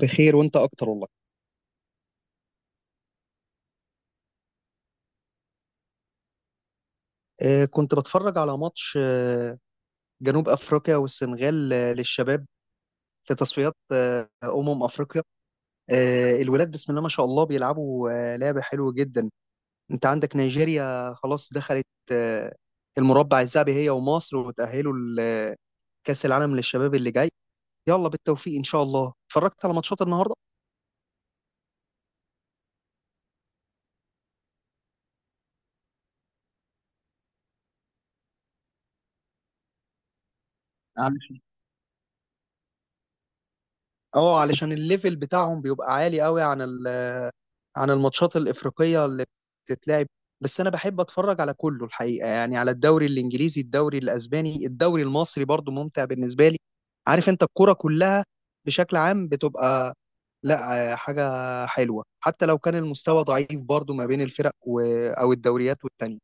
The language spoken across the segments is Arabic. بخير وانت اكتر والله. كنت بتفرج على ماتش جنوب افريقيا والسنغال، للشباب في تصفيات افريقيا. الولاد بسم الله ما شاء الله بيلعبوا لعبة حلوة جدا. انت عندك نيجيريا خلاص دخلت آه، المربع الذهبي هي ومصر، وتأهلوا لكأس العالم للشباب اللي جاي. يلا بالتوفيق ان شاء الله. اتفرجت على ماتشات النهارده؟ اه، علشان الليفل بتاعهم بيبقى عالي قوي عن عن الماتشات الافريقيه اللي بتتلعب. بس انا بحب اتفرج على كله الحقيقه، يعني على الدوري الانجليزي، الدوري الاسباني، الدوري المصري برضو ممتع بالنسبه لي. عارف انت، الكرة كلها بشكل عام بتبقى لا حاجه حلوه، حتى لو كان المستوى ضعيف برضو ما بين الفرق او الدوريات والتانية.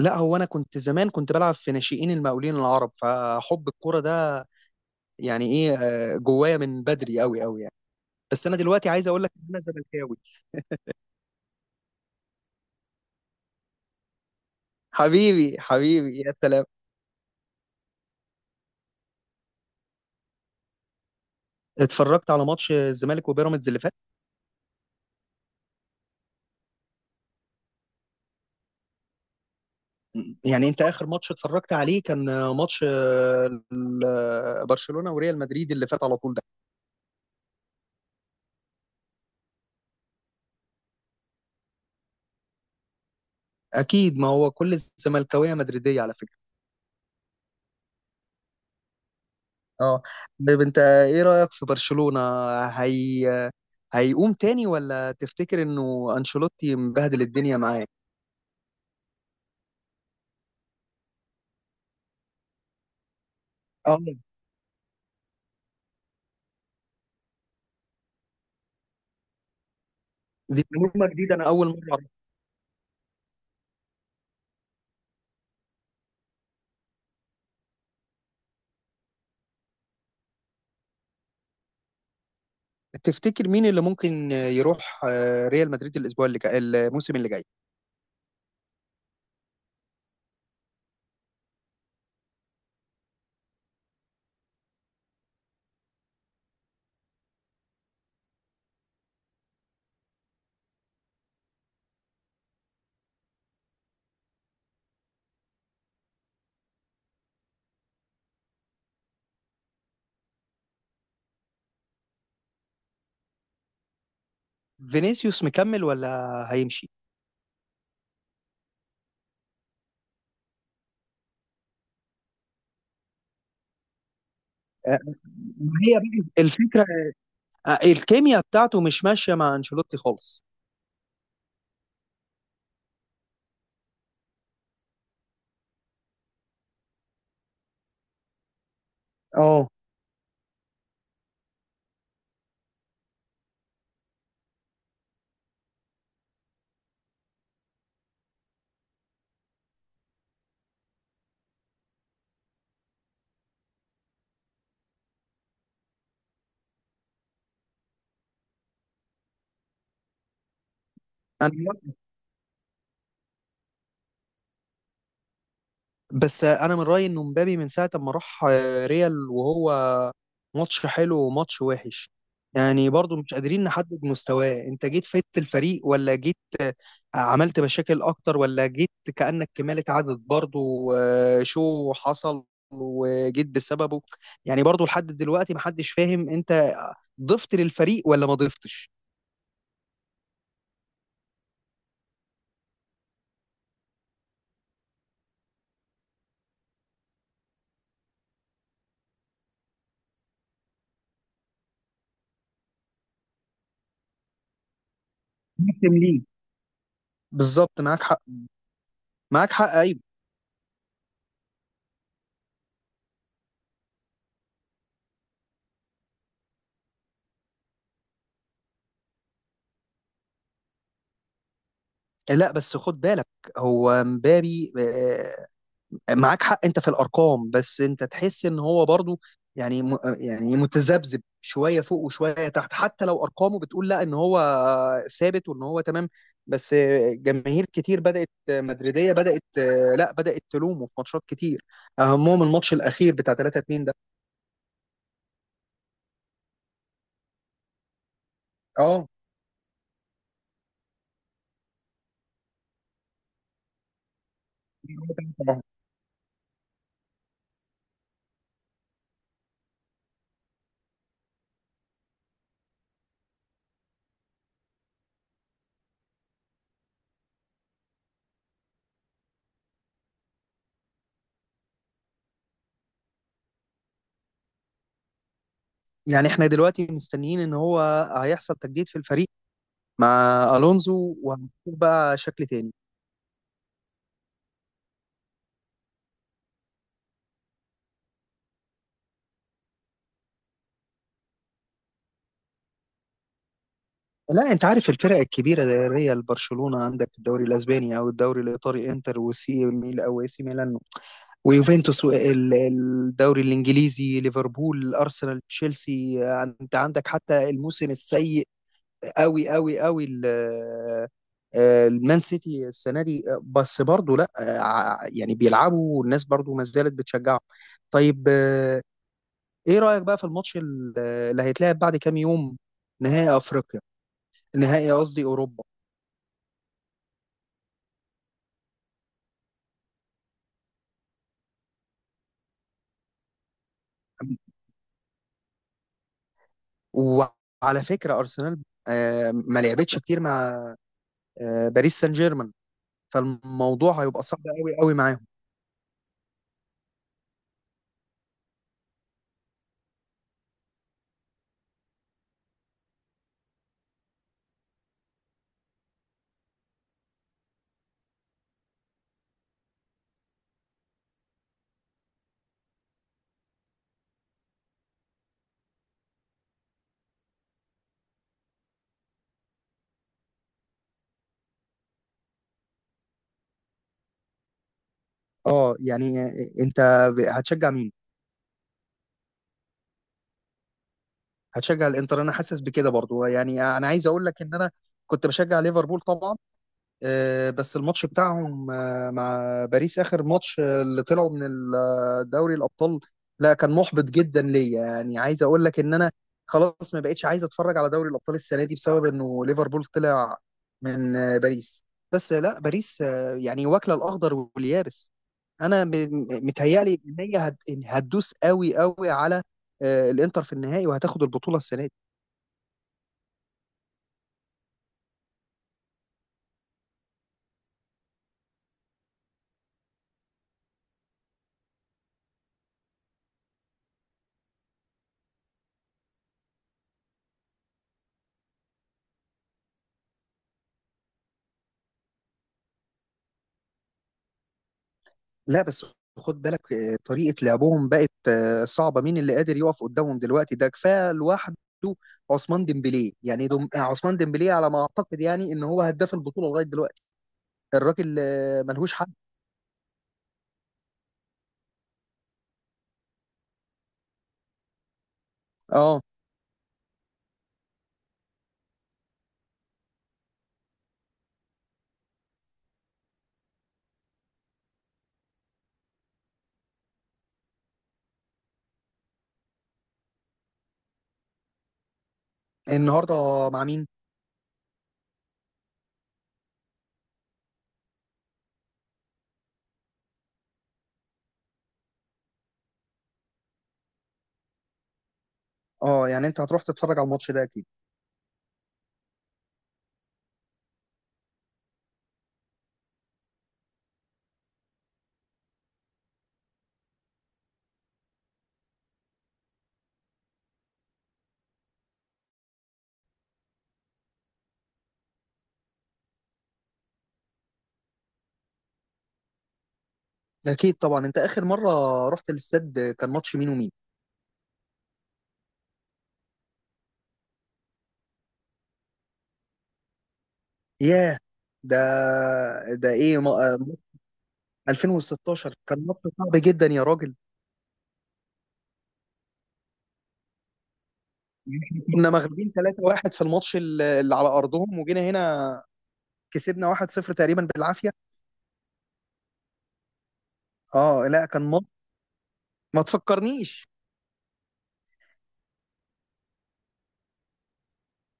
لا هو انا كنت زمان كنت بلعب في ناشئين المقاولين العرب، فحب الكرة ده يعني ايه، جوايا من بدري قوي قوي يعني. بس انا دلوقتي عايز اقول لك ان انا زملكاوي. حبيبي حبيبي يا سلام. اتفرجت على ماتش الزمالك وبيراميدز اللي فات؟ يعني انت اخر ماتش اتفرجت عليه كان ماتش برشلونة وريال مدريد اللي فات على طول ده؟ اكيد، ما هو كل الزملكاويه مدريديه على فكره. اه. طيب انت ايه رايك في برشلونة، هي هيقوم تاني، ولا تفتكر انه انشيلوتي مبهدل الدنيا معاه؟ اه، دي معلومه جديده، انا اول مره. تفتكر مين اللي ممكن يروح ريال مدريد الاسبوع اللي جاي، الموسم اللي جاي؟ فينيسيوس مكمل ولا هيمشي؟ آه، ما هي بقى الفكره، الكيمياء بتاعته مش ماشيه مع انشيلوتي خالص. اه انا. بس انا من رايي انه مبابي من ساعه ما راح ريال وهو ماتش حلو وماتش وحش، يعني برضو مش قادرين نحدد مستواه. انت جيت فدت الفريق، ولا جيت عملت مشاكل اكتر، ولا جيت كأنك كمالة عدد برضه وشو حصل وجيت بسببه؟ يعني برضه لحد دلوقتي محدش فاهم انت ضفت للفريق ولا ما ضفتش. مقدم ليه؟ بالظبط معاك حق. معاك حق ايوه. لا بس خد بالك، هو مبابي معاك حق انت في الارقام، بس انت تحس ان هو برضو يعني يعني متذبذب شويه فوق وشويه تحت، حتى لو ارقامه بتقول لا ان هو ثابت وان هو تمام. بس جماهير كتير بدات مدريديه بدات لا بدات تلومه في ماتشات كتير، اهمهم الماتش الاخير بتاع 3-2 ده. اه طبعا. يعني احنا دلوقتي مستنيين ان هو هيحصل تجديد في الفريق مع الونزو، وهنشوف بقى شكل تاني. لا انت عارف الفرق الكبيره زي الريال، برشلونه، عندك الدوري الاسباني او الدوري الايطالي، انتر وسي ميل او اي سي ميلان ويوفنتوس، وال- الدوري الانجليزي، ليفربول، ارسنال، تشيلسي. انت عندك حتى الموسم السيء قوي قوي قوي المان سيتي السنه دي، بس برضه لا، يعني بيلعبوا والناس برضه ما زالت بتشجعهم. طيب ايه رايك بقى في الماتش اللي هيتلعب بعد كام يوم، نهائي افريقيا، قصدي اوروبا؟ وعلى فكرة أرسنال ما لعبتش كتير مع باريس سان جيرمان، فالموضوع هيبقى صعب قوي قوي معاهم. اه يعني انت هتشجع مين؟ هتشجع الانتر؟ انا حاسس بكده برضو. يعني انا عايز اقول لك ان انا كنت بشجع ليفربول طبعا، بس الماتش بتاعهم مع باريس، آخر ماتش اللي طلعوا من دوري الأبطال، لا كان محبط جدا ليا. يعني عايز أقول لك إن أنا خلاص ما بقتش عايز أتفرج على دوري الأبطال السنة دي بسبب إنه ليفربول طلع من باريس. بس لا باريس يعني واكلة الأخضر واليابس. أنا متهيألي إن هي هتدوس قوي قوي على الإنتر في النهائي وهتاخد البطولة السنة دي. لا بس خد بالك، طريقة لعبهم بقت صعبة. مين اللي قادر يقف قدامهم دلوقتي؟ ده كفاية لوحده عثمان ديمبلي. يعني دم... آه، عثمان ديمبلي على ما أعتقد يعني إن هو هداف البطولة لغاية دلوقتي. الراجل ملهوش حل. اه. النهاردة مع مين؟ اه يعني أنت هتروح تتفرج على الماتش ده أكيد؟ أكيد طبعا. أنت آخر مرة رحت الاستاد كان ماتش مين ومين؟ ياه، ده ده إيه ما... آه، 2016 كان ماتش صعب جدا يا راجل. احنا كنا مغلوبين 3-1 في الماتش اللي على ارضهم، وجينا هنا كسبنا 1-0 تقريبا بالعافيه. اه لا كان ماتش، ما تفكرنيش.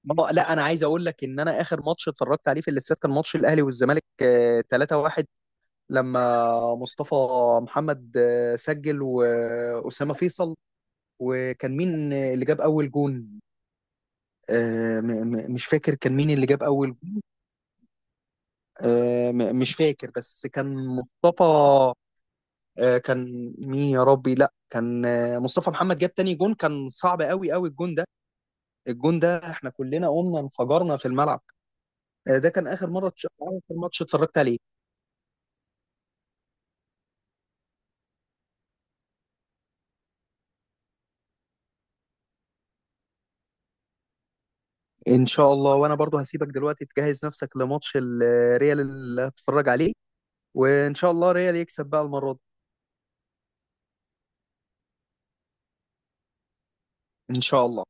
ما لا انا عايز اقول لك ان انا اخر ماتش اتفرجت عليه في الاستاد كان ماتش الاهلي والزمالك 3-1، لما مصطفى محمد سجل واسامه فيصل. وكان مين اللي جاب اول جون؟ مش فاكر كان مين اللي جاب اول جون. مش فاكر، بس كان مصطفى كان مين يا ربي؟ لا كان مصطفى محمد جاب تاني جون. كان صعب قوي قوي الجون ده، الجون ده احنا كلنا قمنا انفجرنا في الملعب. ده كان اخر مره اخر ماتش اتفرجت عليه. ان شاء الله. وانا برضو هسيبك دلوقتي تجهز نفسك لماتش الريال اللي هتتفرج عليه، وان شاء الله ريال يكسب بقى المره دي. ان شاء الله.